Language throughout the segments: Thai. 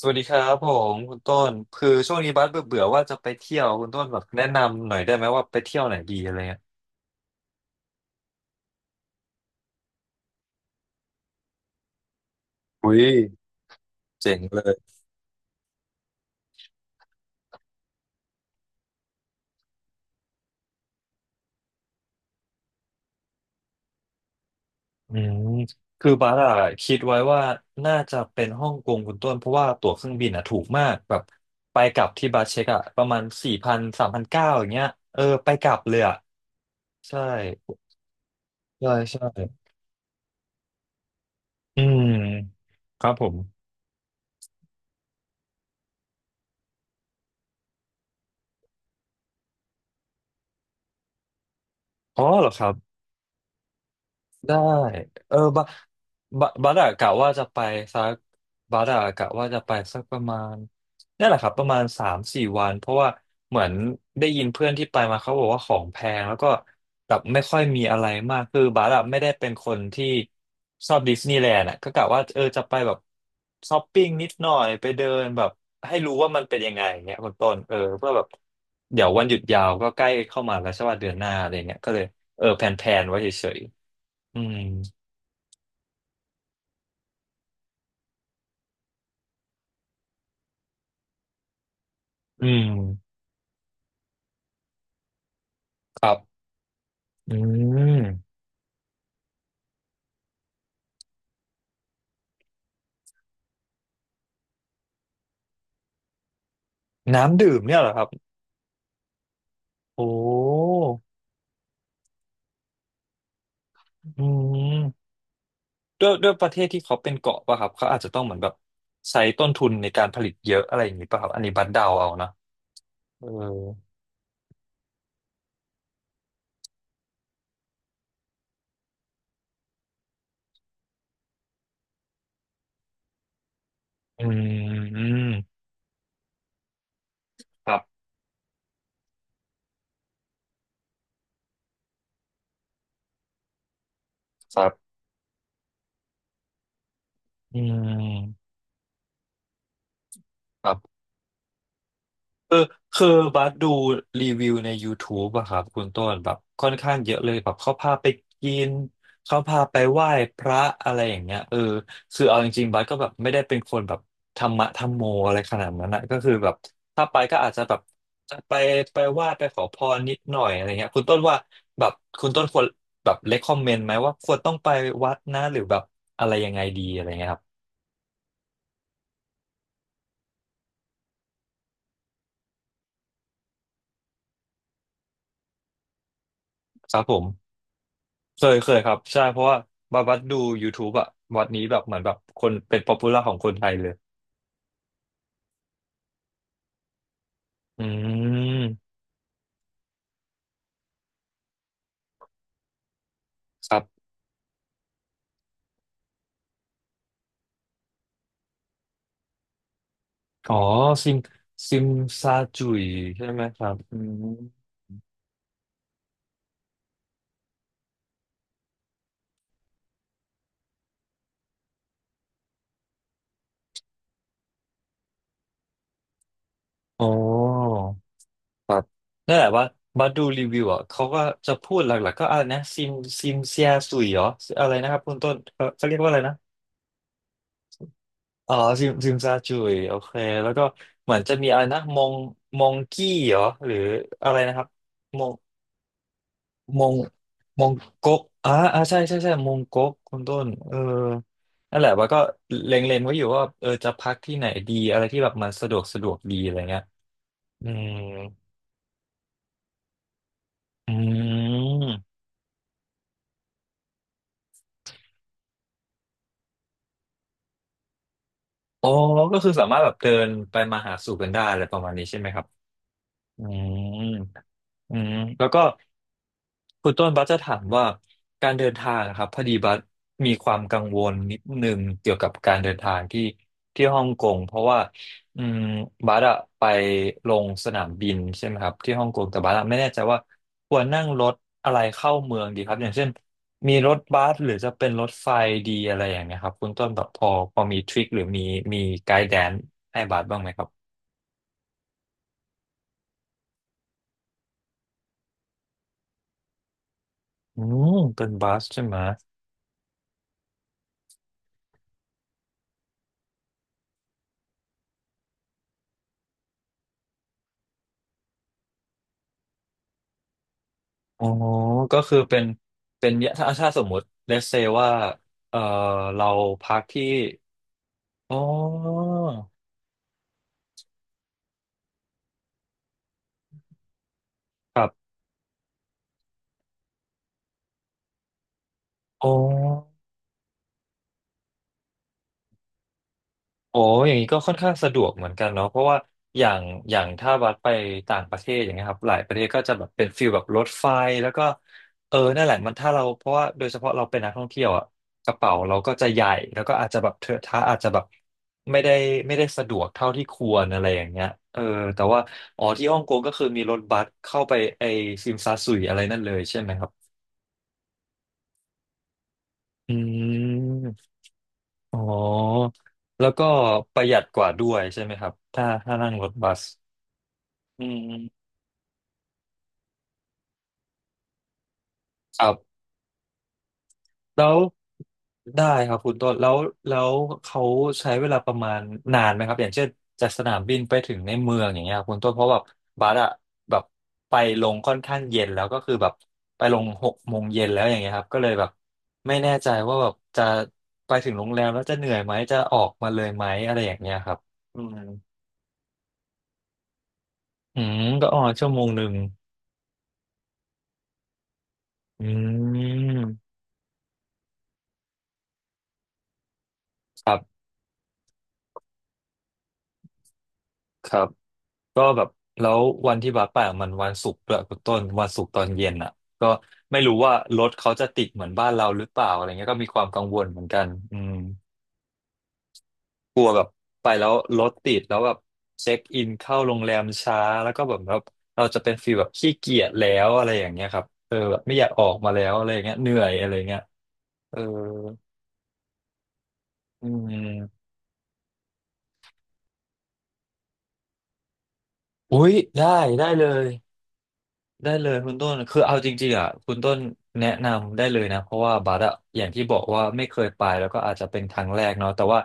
สวัสดีครับผมคุณต้นคือช่วงนี้บัสเบื่อเบื่อว่าจะไปเที่ยวคุณต้นแบบแนะนำหน่อยได้ไหมว่าไปเที่ยวไหนดีอะไรเงี้ยอุ้ยเจ๋งเลยอืมคือบัสอะคิดไว้ว่าน่าจะเป็นฮ่องกงคุณต้นเพราะว่าตั๋วเครื่องบินอะถูกมากแบบไปกลับที่บัสเช็คอะประมาณ4,0003,900อย่างเงี้ยเออไปกลับเลยอะใช่ใช่ใช่อืมครับผมอ๋อเหรอครับ ได้เออบาบาบัสอะกะว่าจะไปสักบัสอะกะว่าจะไปสักประมาณนี่แหละครับประมาณสามสี่วันเพราะว่าเหมือนได้ยินเพื่อนที่ไปมาเขาบอกว่าของแพงแล้วก็แบบไม่ค่อยมีอะไรมากคือบัสอะไม่ได้เป็นคนที่ชอบดิสนีย์แลนด์อะก็กะว่าเออจะไปแบบช้อปปิ้งนิดหน่อยไปเดินแบบให้รู้ว่ามันเป็นยังไงอย่างเงี้ยคุณต้นเออเพื่อแบบเดี๋ยววันหยุดยาวก็ใกล้เข้ามาแล้วใช่ว่าเดือนหน้าอะไรเงี้ยก็เลยเออแผนๆไว้เฉย อืมอืมครับอืมน้ำดื่มเนี่ยเหรอครับโอ้อืมด้วยด้วยประเทศที่เขาเป็นเกาะป่ะครับ เขาอาจจะต้องเหมือนแบบใช้ต้นทุนในการผลิตเยอะอะไรอย่างนี้ป่ะครับ อันนี้บัดเดาเอานะเอออืมครับ ครับอืมครับ คือคือบัสดูรีวิวใน YouTube อะครับคุณต้นแบบค่อนข้างเยอะเลยแบบเขาพาไปกินเขาพาไปไหว้พระอะไรอย่างเงี้ยเออคือเอาจริงๆบัสก็แบบไม่ได้เป็นคนแบบธรรมะธรรมโมอะไรขนาดนั้นนะก็คือแบบถ้าไปก็อาจจะแบบไปไปไหว้ไปขอพรนิดหน่อยอะไรเงี้ยคุณต้นว่าแบบคุณต้นควรแบบเลคคอมเมนต์ไหมว่าควรต้องไปวัดนะหรือแบบอะไรยังไงดีอะไรเงี้ยครับครับผม เคยเคยครับใช่เพราะว่าบาบัดดู YouTube อะวัดนี้แบบเหมือนแบบคนเป็นป๊อปปูล่าของคนไทยเลยอืมครับอ๋อซิมซิมซาจุยใช่ไหมครับอืมอ๋อครับนั่นแหละว่าบัดดูรีวิวอ่ะเขาก็จะพูดหลักๆก็อะไรนะซิมเซียสุยเหรออะไรนะครับคุณต้นเขาเขาเรียกว่าอะไรนะอ๋อซิมซาจุยโอเคแล้วก็เหมือนจะมีอะไรนะมองกี้เหรอหรืออะไรนะครับมอง มงมงก๊กอ่าอ่าใช่ใช่ใช่มงก๊กคุณต้นเออนั่นแหละว่าก็เล็งๆไว้อยู่ว่าเออจะพักที่ไหนดีอะไรที่แบบมันสะดวกสะดวกดีอะไรเงี้ยอืมอืมอ๋อก็คือสามารถแบบเดินไปมาหาสู่กันได้อะไรประมาณนี้ใช่ไหมครับอืม อืมแล้วก็คุณต้นบัสจะถามว่าการเดินทางนะครับพอดีบัสมีความกังวลนิดนึงเกี่ยวกับการเดินทางที่ฮ่องกงเพราะว่าอืมบัสอะไปลงสนามบินใช่ไหมครับที่ฮ่องกงแต่บัสอะไม่แน่ใจว่าควรนั่งรถอะไรเข้าเมืองดีครับอย่างเช่นมีรถบัสหรือจะเป็นรถไฟดีอะไรอย่างเงี้ยครับคุณต้นแบบพอมีทริคหรือมีไกด์แดนให้บัสบ้างไหมครับอืมเป็นบัสใช่ไหม อ๋อก็คือเป็นเป็นถ้าสมมุติ let's say ว่าเออเราพักที่อ๋อครับอ๋อ โอ้อย่างนี้ก็ค่อนข้างสะดวกเหมือนกันเนาะเพราะว่าอย่างอย่างถ้าบัสไปต่างประเทศอย่างเงี้ยครับหลายประเทศก็จะแบบเป็นฟิลแบบรถไฟแล้วก็เออนั่นแหละมันถ้าเราเพราะว่าโดยเฉพาะเราเป็นนักท่องเที่ยวอ่ะกระเป๋าเราก็จะใหญ่แล้วก็อาจจะแบบเทอะทะอาจจะแบบไม่ได้ไม่ได้สะดวกเท่าที่ควรอะไรอย่างเงี้ยเออแต่ว่าอ๋อที่ฮ่องกงก็คือมีรถบัสเข้าไปไอซิมซาสุยอะไรนั่นเลยใช่ไหมครับอืมอ๋อแล้วก็ประหยัดกว่าด้วยใช่ไหมครับถ้านั่งรถบัส อืมครับแล้วได้ครับคุณต้นแล้วเขาใช้เวลาประมาณนานไหมครับอย่างเช่นจากสนามบินไปถึงในเมืองอย่างเงี้ยคุณต้นเพราะแบบบัสอะแบบไปลงค่อนข้างเย็นแล้วก็คือแบบไปลง6 โมงเย็นแล้วอย่างเงี้ยครับก็เลยแบบไม่แน่ใจว่าแบบจะไปถึงโรงแรมแล้วจะเหนื่อยไหมจะออกมาเลยไหมอะไรอย่างเงี้ยครับอืมอืมก็อ๋อ1 ชั่วโมงอืมครับครับ ก็แบบแล้ววันที่บัสไปอะมันวันศุกร์ด้วยคุณต้นวันศุกร์ตอนเย็นอ่ะก็ไม่รู้ว่ารถเขาจะติดเหมือนบ้านเราหรือเปล่าอะไรเงี้ยก็มีความกังวลเหมือนกันอืมกลัวแบบไปแล้วรถติดแล้วแบบเช็คอินเข้าโรงแรมช้าแล้วก็แบบเราจะเป็นฟีลแบบขี้เกียจแล้วอะไรอย่างเงี้ยครับเออแบบไม่อยากออกมาแล้วอะไรอย่างเงี้ยเหนื่อยอะไรเงี้ยเอออืมอุ้ยได้ได้เลย ได้เลยคุณต้นคือเอาจริงๆอ่ะคุณต้นแนะนำได้เลยนะเพราะว่าบัสอะอย่างที่บอกว่าไม่เคยไปแล้วก็อาจจะเป็นครั้งแรกเนาะแต่ว่า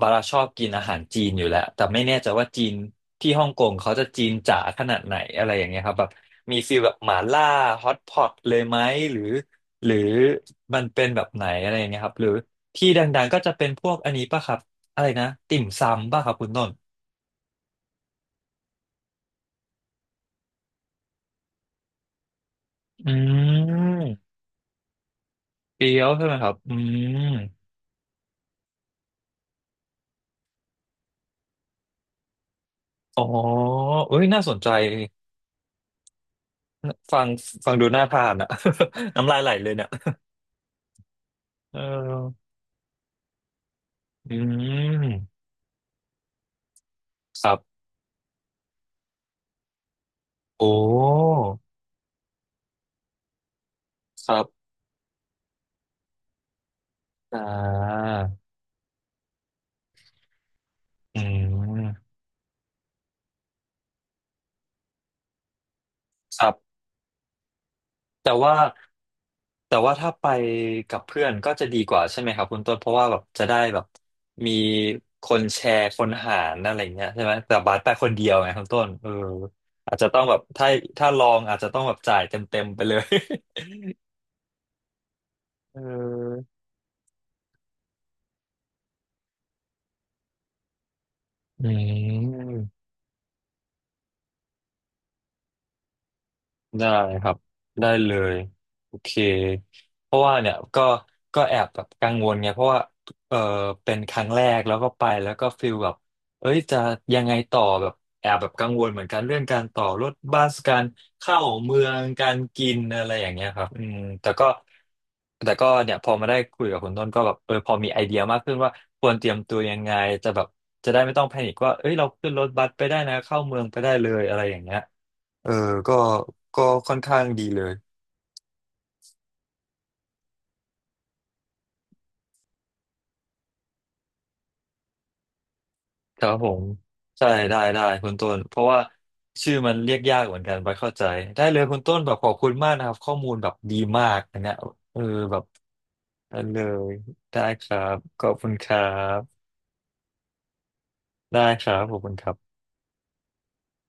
บัสอะชอบกินอาหารจีนอยู่แล้วแต่ไม่แน่ใจว่าจีนที่ฮ่องกงเขาจะจีนจ๋าขนาดไหนอะไรอย่างเงี้ยครับแบบมีฟีลแบบหม่าล่าฮอตพอตเลยไหมหรือหรือมันเป็นแบบไหนอะไรอย่างเงี้ยครับหรือที่ดังๆก็จะเป็นพวกอันนี้ป่ะครับอะไรนะติ่มซำป่ะครับคุณต้นอืมเกี๊ยวใช่ไหมครับอืม อ๋อเอ้ยน่าสนใจฟังฟังดูน่าทานอ่ะ น้ำลายไหลเลยเนี่ยเอออืมครับโอ้ครับอ่าอืมครับแต่ว่าแต่ว่าถ้าไปกับเพื่อนก็จะดีกว่าใช่ไหมครับคุณต้นเพราะว่าแบบจะได้แบบมีคนแชร์คนหารอะไรเงี้ยใช่ไหมแต่บาสไปคนเดียวไงคุณต้นเอออาจจะต้องแบบถ้าถ้าลองอาจจะต้องแบบจ่ายเต็มเต็มไปเลย เออ อืมได้ครับได้เลยโอเคเพราะว่าเนี่ยก็ก็แอบแบบกังวลไงเพราะว่าเออเป็นครั้งแรกแล้วก็ไปแล้วก็ฟิลแบบเอ้ยจะยังไงต่อแบบแอบแบบกังวลเหมือนกันเรื่องการต่อรถบัสการเข้าเมืองการกินอะไรอย่างเงี้ยครับอืมแต่ก็เนี่ยพอมาได้คุยกับคุณต้นก็แบบเออพอมีไอเดียมากขึ้นว่าควรเตรียมตัวยังไงจะแบบจะได้ไม่ต้องแพนิคว่าเอ้ยเราขึ้นรถบัสไปได้นะเข้าเมืองไปได้เลยอะไรอย่างเงี้ย เออก็ก็ค่อนข้างดีเลยครับผมใช่ได้ได้คุณต้นเพราะว่าชื่อมันเรียกยากเหมือนกันไปเข้าใจได้เลยคุณต้นแบบขอบคุณมากนะครับข้อมูลแบบดีมากอันเนี้ยเออแบบอันเลยได้ครับขอบคุณครับได้ครับขอบคุณครับ